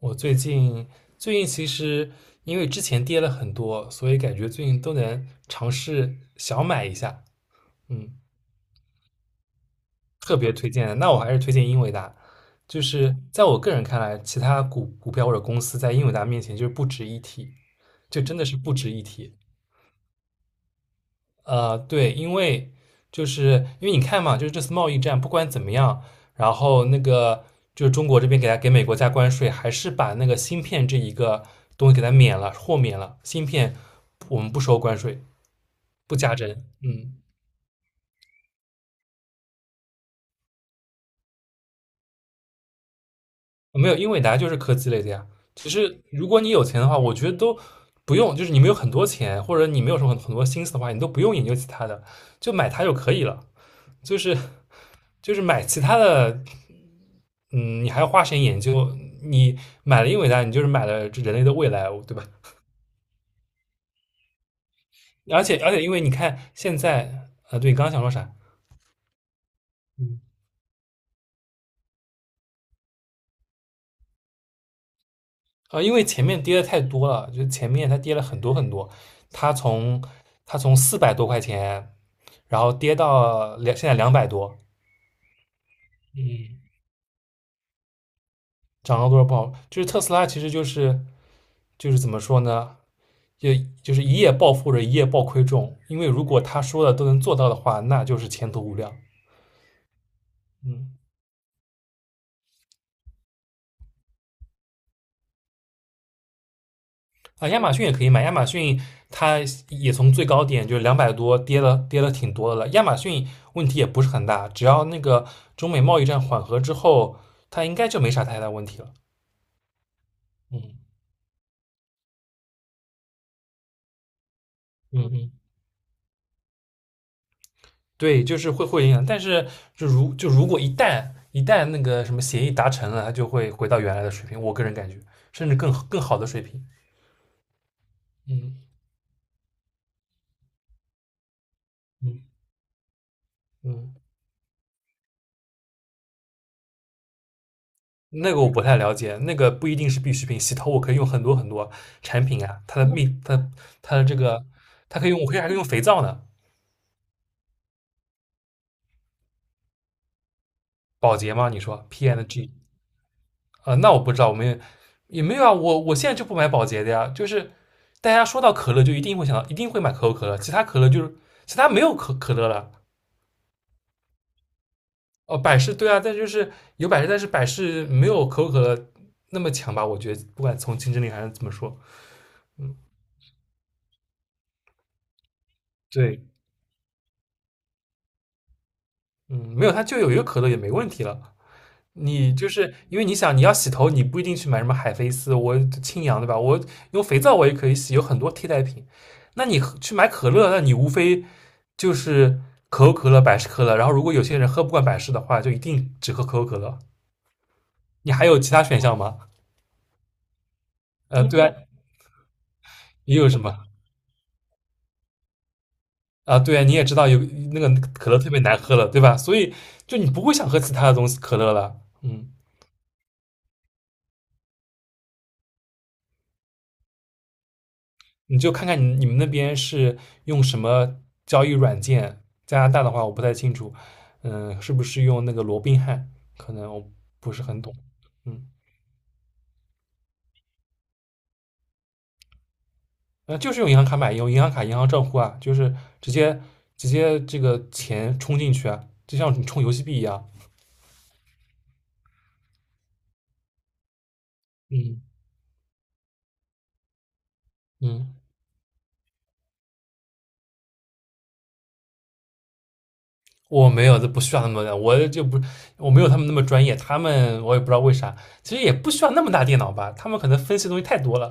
我最近其实因为之前跌了很多，所以感觉最近都能尝试小买一下，嗯，特别推荐的。那我还是推荐英伟达，就是在我个人看来，其他股票或者公司在英伟达面前就是不值一提，就真的是不值一提。对，因为你看嘛，就是这次贸易战不管怎么样，然后就是中国这边给美国加关税，还是把那个芯片这一个东西给它免了，豁免了，芯片我们不收关税，不加征，嗯，没有，因为大家就是科技类的呀。其实如果你有钱的话，我觉得都不用，就是你没有很多钱，或者你没有什么很多心思的话，你都不用研究其他的，就买它就可以了，就是就是买其他的。嗯，你还要花时间研究。你买了英伟达，你就是买了人类的未来，对吧？而且，因为你看现在，对，你刚刚想说啥？嗯，啊，因为前面跌的太多了，就前面它跌了很多很多，它从它从400多块钱，然后跌到现在两百多，嗯涨了多少不好。就是特斯拉其实就是怎么说呢？就就是一夜暴富或者一夜暴亏中，因为如果他说的都能做到的话，那就是前途无量。嗯。啊，亚马逊也可以买，亚马逊它也从最高点就是两百多跌了，跌了挺多的了。亚马逊问题也不是很大，只要那个中美贸易战缓和之后，它应该就没啥太大问题了。嗯嗯嗯，对，就是会影响，但是就如果一旦那个什么协议达成了，它就会回到原来的水平，我个人感觉，甚至更好的水平。嗯嗯嗯，那个我不太了解，那个不一定是必需品，洗头我可以用很多很多产品啊，它的这个，它可以用，我还可以用肥皂呢，保洁吗？你说 P&G N 那我不知道，我们也没有啊，我现在就不买保洁的呀，就是大家说到可乐就一定会想到，一定会买可口可乐，其他可乐就是其他没有可乐了，哦，百事对啊，但就是有百事，但是百事没有可口可乐那么强吧？我觉得不管从竞争力还是怎么说，对，嗯，没有它就有一个可乐也没问题了。你就是因为你想你要洗头，你不一定去买什么海飞丝，我清扬对吧？我用肥皂我也可以洗，有很多替代品。那去买可乐，那你无非就是可口可乐、百事可乐。然后如果有些人喝不惯百事的话，就一定只喝可口可乐。你还有其他选项吗？对啊，也有什么啊？对啊，你也知道有那个可乐特别难喝了，对吧？所以就你不会想喝其他的东西可乐了，嗯。你就看看你们那边是用什么交易软件？加拿大的话我不太清楚，嗯，是不是用那个罗宾汉？可能我不是很懂，嗯，就是用银行卡买，用银行卡、银行账户啊，就是直接直接这个钱充进去啊，就像你充游戏币一样，嗯嗯，我没有，这不需要那么的，我就不，我没有他们那么专业，他们我也不知道为啥，其实也不需要那么大电脑吧，他们可能分析的东西太多了。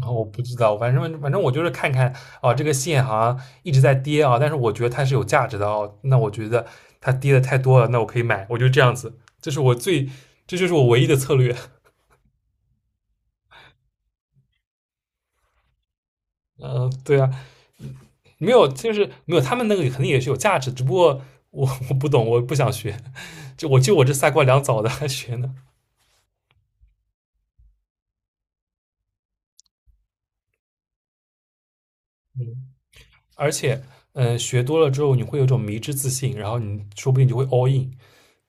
然后我不知道，反正我就是看看啊，这个线好像一直在跌啊，但是我觉得它是有价值的哦。那我觉得它跌的太多了，那我可以买，我就这样子，这就是我唯一的策略。嗯,对啊，没有，就是没有，他们那个肯定也是有价值，只不过我不懂，我不想学，就我这三瓜两枣的还学呢。嗯，而且学多了之后，你会有一种迷之自信，然后你说不定就会 all in,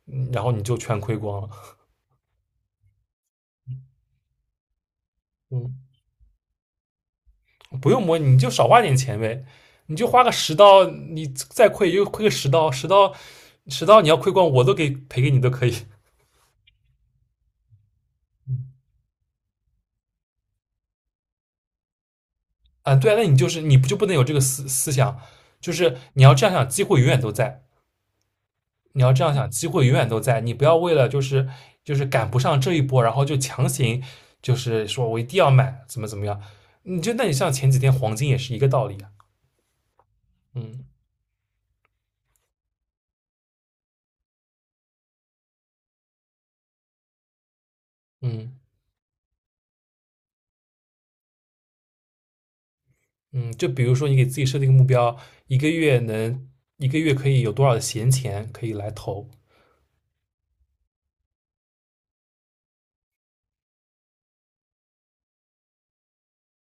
然后你就全亏光了。嗯。不用摸，你就少花点钱呗，你就花个十刀，你再亏就亏个十刀，十刀十刀你要亏光，我都赔给你都可以。啊，对啊，那你就是你不就不能有这个思想，就是你要这样想，机会永远都在，你要这样想，机会永远都在，你不要为了就是赶不上这一波，然后就强行就是说我一定要买，怎么怎么样，那你像前几天黄金也是一个道理啊，嗯嗯。嗯，就比如说你给自己设定一个目标，一个月能一个月可以有多少的闲钱可以来投？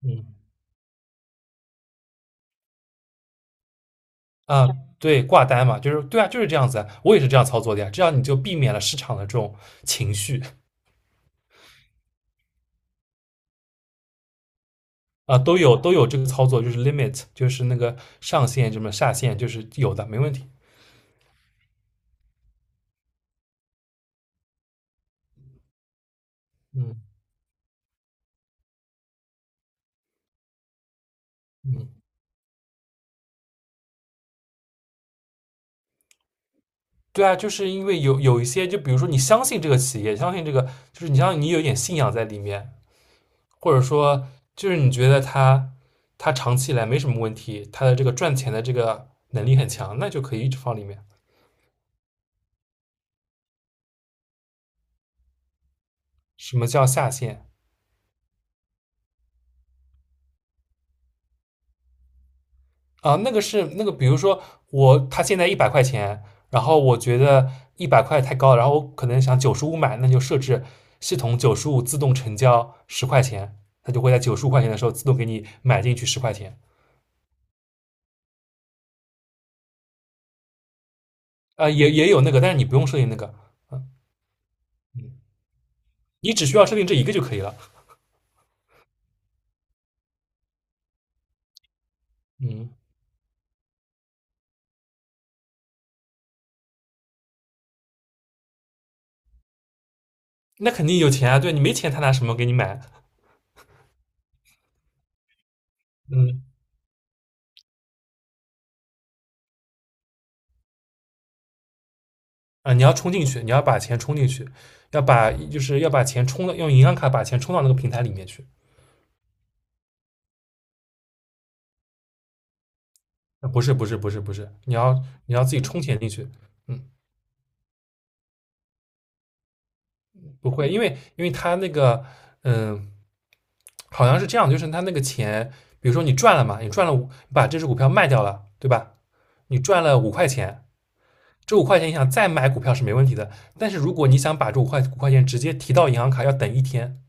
嗯啊，对，挂单嘛，就是对啊，就是这样子啊我也是这样操作的呀，这样你就避免了市场的这种情绪啊，都有这个操作，就是 limit,就是那个上限什么下限，就是有的，没问题。嗯嗯，对啊，就是因为有一些，就比如说你相信这个企业，相信这个，就是你像你有一点信仰在里面，或者说就是你觉得他长期以来没什么问题，他的这个赚钱的这个能力很强，那就可以一直放里面。什么叫下限啊？那个是那个，比如说他现在一百块钱，然后我觉得一百块太高，然后我可能想九十五买，那就设置系统九十五自动成交十块钱，它就会在95块钱的时候自动给你买进去十块钱。也有那个，但是你不用设定那个，你只需要设定这一个就可以了。嗯，那肯定有钱啊，对你没钱他拿什么给你买？嗯啊，你要充进去，你要把钱充进去，要把钱充到用银行卡把钱充到那个平台里面去。啊，不是不是不是不是，你要自己充钱进去。嗯，不会，因为他那个嗯，好像是这样，就是他那个钱，比如说你赚了嘛，你赚了五，你把这只股票卖掉了，对吧？你赚了五块钱，这5块钱你想再买股票是没问题的，但是如果你想把这五块钱直接提到银行卡，要等一天，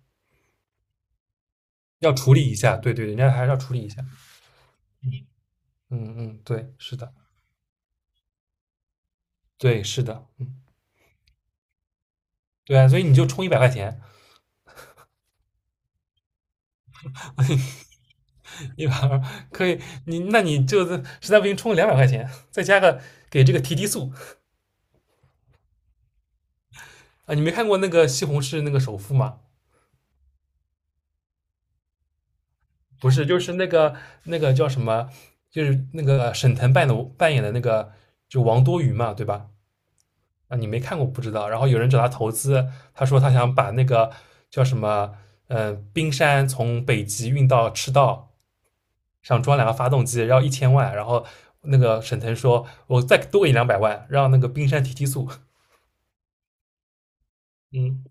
要处理一下。对对，人家还是要处理一下。嗯嗯，对，是的。对，是的，嗯，对啊，所以你就充一百块钱，120可以，你就实在不行充200块钱，再加个给这个提提速啊！你没看过那个西红柿那个首富吗？不是，就是那个叫什么，就是那个沈腾扮演的那个就王多鱼嘛，对吧？啊，你没看过不知道。然后有人找他投资，他说他想把那个叫什么，冰山从北极运到赤道，想装两个发动机，要1000万，然后那个沈腾说，我再多给你200万，让那个冰山提提速。嗯，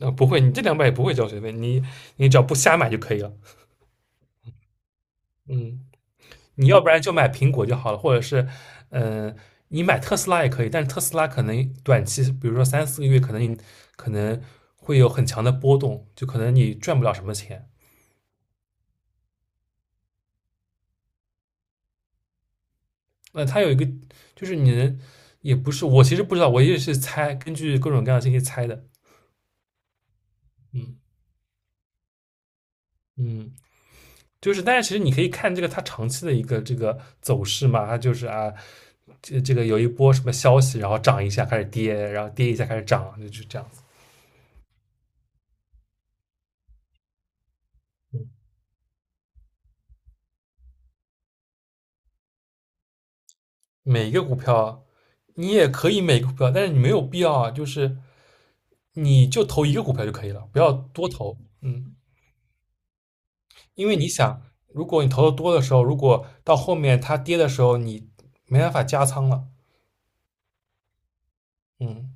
啊、不会，你这两百也不会交学费，你只要不瞎买就可以了。嗯，你要不然就买苹果就好了，或者是，嗯、呃你买特斯拉也可以，但是特斯拉可能短期，比如说3、4个月，可能会有很强的波动，就可能你赚不了什么钱。那,它有一个，就是你能，也不是，我其实不知道，我也是猜，根据各种各样的信息猜的。嗯嗯。就是，但是其实你可以看这个它长期的一个这个走势嘛，它就是啊，这个有一波什么消息，然后涨一下开始跌，然后跌一下开始涨，就是这样子。每一个股票你也可以每个股票，但是你没有必要啊，就是你就投一个股票就可以了，不要多投，嗯，因为你想，如果你投的多的时候，如果到后面它跌的时候，你没办法加仓了，嗯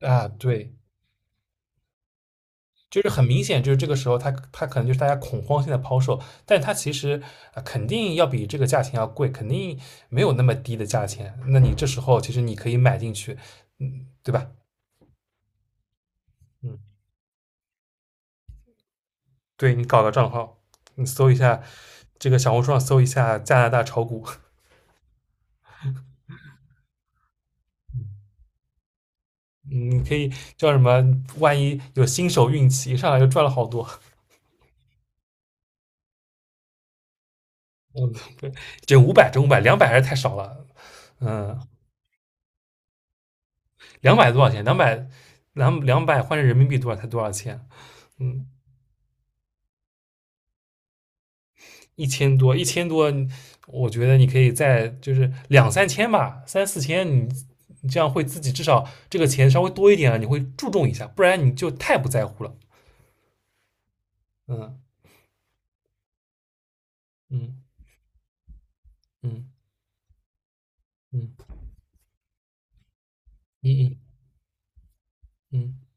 啊，对，就是很明显，就是这个时候它可能就是大家恐慌性的抛售，但它其实肯定要比这个价钱要贵，肯定没有那么低的价钱。那你这时候其实你可以买进去，嗯，对吧？嗯，对你搞个账号，你搜一下这个小红书上搜一下加拿大炒股，你可以叫什么？万一有新手运气，一上来就赚了好多。这五百，这五百，两百还是太少了。嗯，两百多少钱？两百换成人民币多少才多少钱？嗯。一千多，一千多，我觉得你可以再就是2、3千吧，3、4千，你这样会自己至少这个钱稍微多一点了，你会注重一下，不然你就太不在乎了。嗯嗯嗯嗯嗯嗯嗯。